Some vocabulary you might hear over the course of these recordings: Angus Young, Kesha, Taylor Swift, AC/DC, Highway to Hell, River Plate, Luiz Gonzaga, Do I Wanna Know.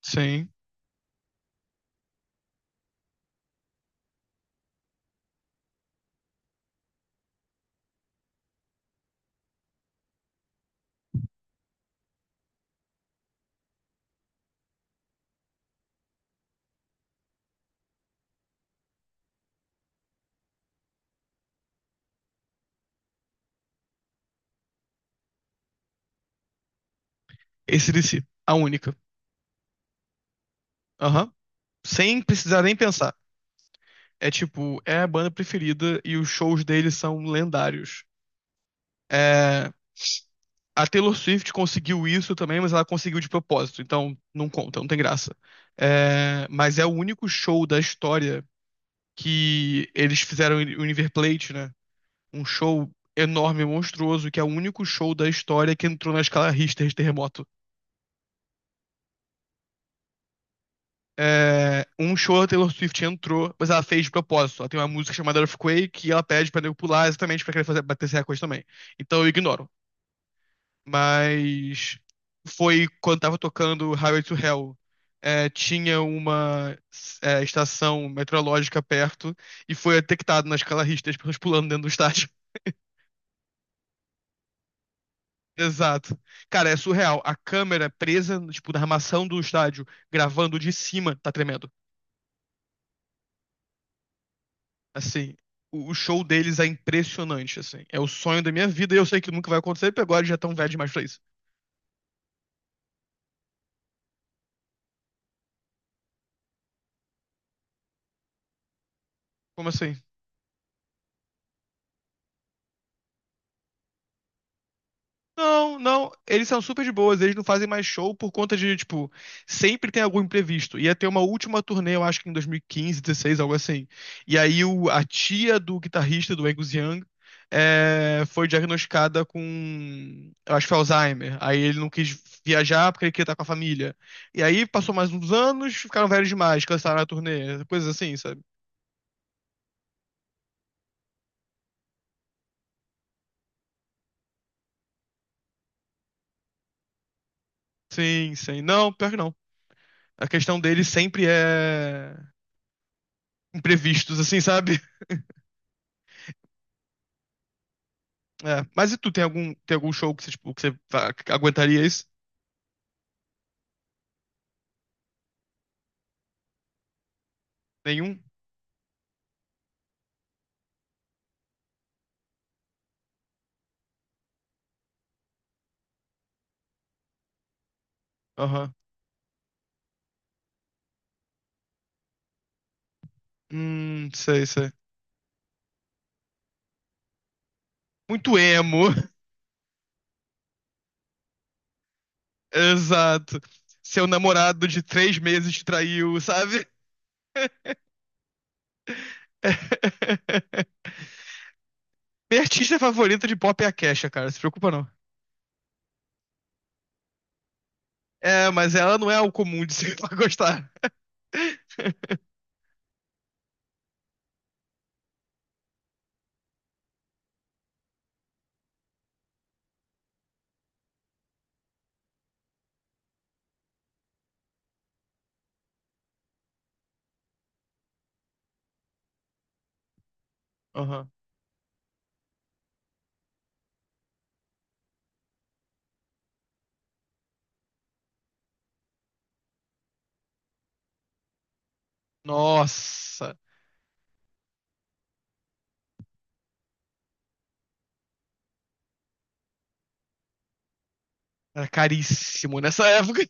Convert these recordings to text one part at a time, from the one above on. Sim. AC/DC, a única. Aham. Sem precisar nem pensar. É a banda preferida e os shows deles são lendários. É, a Taylor Swift conseguiu isso também, mas ela conseguiu de propósito, então não conta, não tem graça. É, mas é o único show da história que eles fizeram o River Plate, né? Um show enorme, monstruoso, que é o único show da história que entrou na escala Richter de terremoto. É, um show da Taylor Swift entrou, mas ela fez de propósito. Ela tem uma música chamada Earthquake e ela pede pra nego pular exatamente pra querer fazer, bater esse recorde também. Então eu ignoro. Mas foi quando tava tocando Highway to Hell. Tinha uma estação meteorológica perto e foi detectado na escala Richter as pessoas pulando dentro do estádio. Exato. Cara, é surreal. A câmera presa, tipo, na armação do estádio, gravando de cima, tá tremendo. Assim, o show deles é impressionante, assim. É o sonho da minha vida e eu sei que nunca vai acontecer, porque agora eles já tão velhos demais pra isso. Como assim? Não, não, eles são super de boas, eles não fazem mais show por conta de, tipo, sempre tem algum imprevisto. Ia ter uma última turnê, eu acho que em 2015, 16, algo assim. E aí o, a tia do guitarrista do Angus Young foi diagnosticada com, eu acho que foi Alzheimer. Aí ele não quis viajar porque ele queria estar com a família. E aí passou mais uns anos, ficaram velhos demais, cancelaram a turnê, coisas assim, sabe? Sim, sim. Não, pior que não. A questão deles sempre é imprevistos, assim, sabe? É, mas e tu, tem algum show que você, tipo, que você que aguentaria isso? Nenhum? Aham. Sei, sei. Muito emo. Exato. Seu namorado de três meses te traiu, sabe? Minha artista favorita de pop é a Kesha, cara. Se preocupa não. É, mas ela não é o comum de se pra gostar. Aham. Nossa. Era caríssimo nessa época.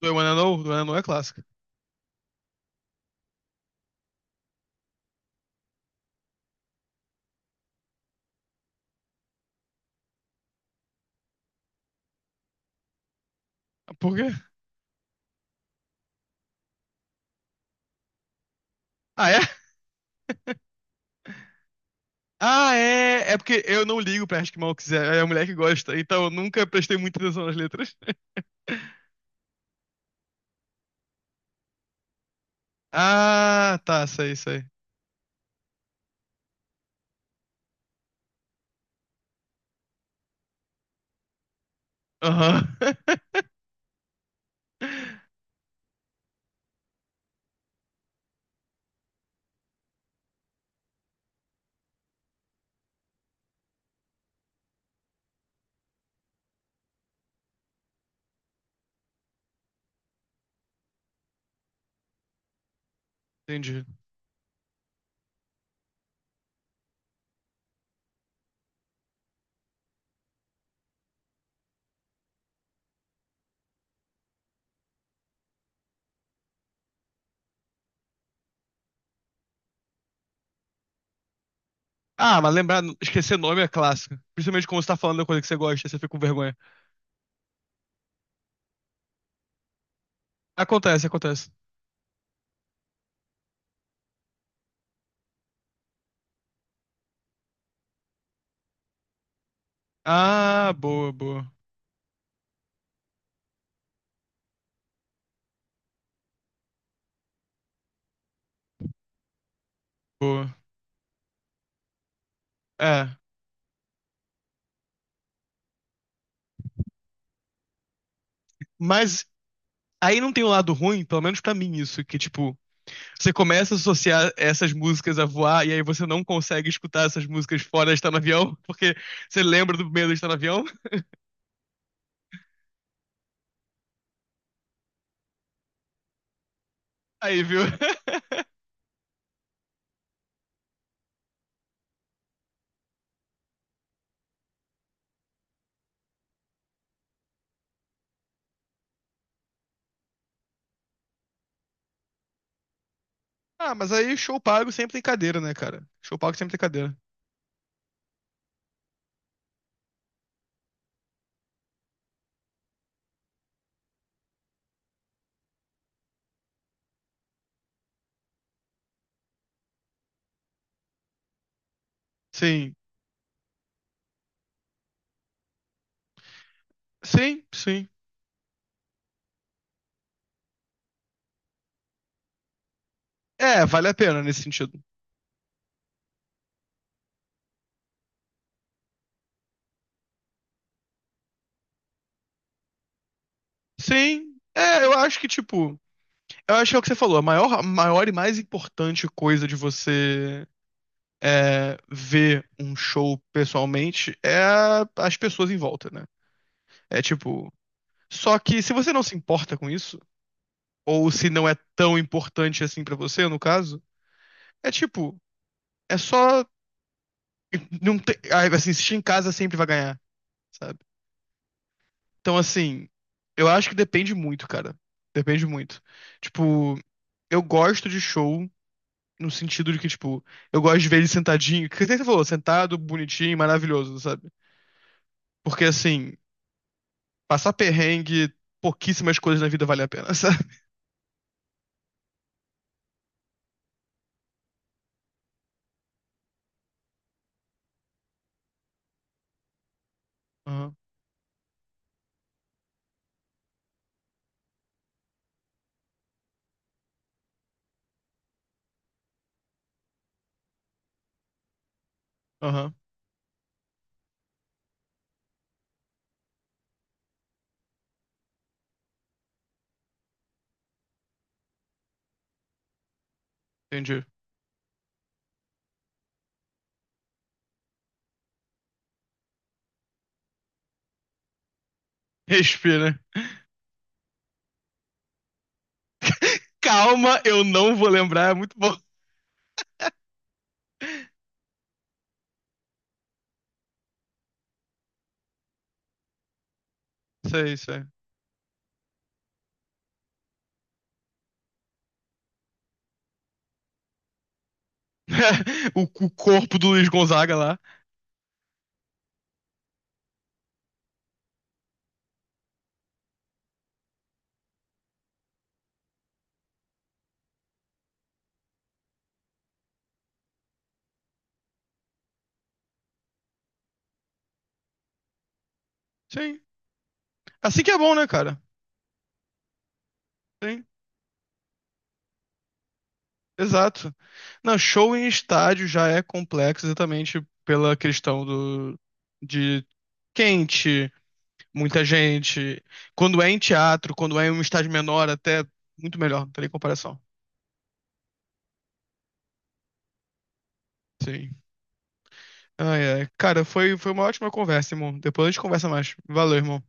Do I Wanna Know? Do I Wanna Know é clássico. Ah, por quê? Ah, é? Ah, é! É porque eu não ligo pra Acho que Mal Quiser. É a mulher que gosta. Então eu nunca prestei muita atenção nas letras. Ah, tá, sei, sei. Aham. Entendi. Ah, mas lembrar, esquecer nome é clássico. Principalmente quando você tá falando da coisa que você gosta, você fica com vergonha. Acontece, acontece. Ah, boa, boa, boa. É. Mas aí não tem o lado ruim, pelo menos pra mim, isso, que tipo. Você começa a associar essas músicas a voar, e aí você não consegue escutar essas músicas fora de estar no avião, porque você lembra do medo de estar no avião. Aí, viu? Ah, mas aí show pago sempre tem cadeira, né, cara? Show pago sempre tem cadeira. Sim, sim, sim. É, vale a pena nesse sentido. Sim, é, eu acho que, tipo, eu acho que é o que você falou, a maior e mais importante coisa de você é, ver um show pessoalmente é as pessoas em volta, né? É tipo, só que se você não se importa com isso, ou se não é tão importante assim pra você, no caso, é tipo, é só não tem, ah, assim, assistir em casa sempre vai ganhar, sabe? Então assim, eu acho que depende muito, cara. Depende muito. Tipo, eu gosto de show no sentido de que, tipo, eu gosto de ver ele sentadinho, que nem você falou, sentado, bonitinho, maravilhoso, sabe? Porque assim, passar perrengue, pouquíssimas coisas na vida vale a pena, sabe? Aham, aham, entendi. Respira. Calma, eu não vou lembrar, é muito bom. Isso isso aí. O, o corpo do Luiz Gonzaga lá. Sim. Assim que é bom, né, cara? Sim, exato. Não, show em estádio já é complexo exatamente pela questão do, de quente, muita gente. Quando é em teatro, quando é em um estádio menor, até muito melhor, não tem nem comparação. Sim. Ai, ai. Cara, foi uma ótima conversa, irmão. Depois a gente conversa mais. Valeu, irmão.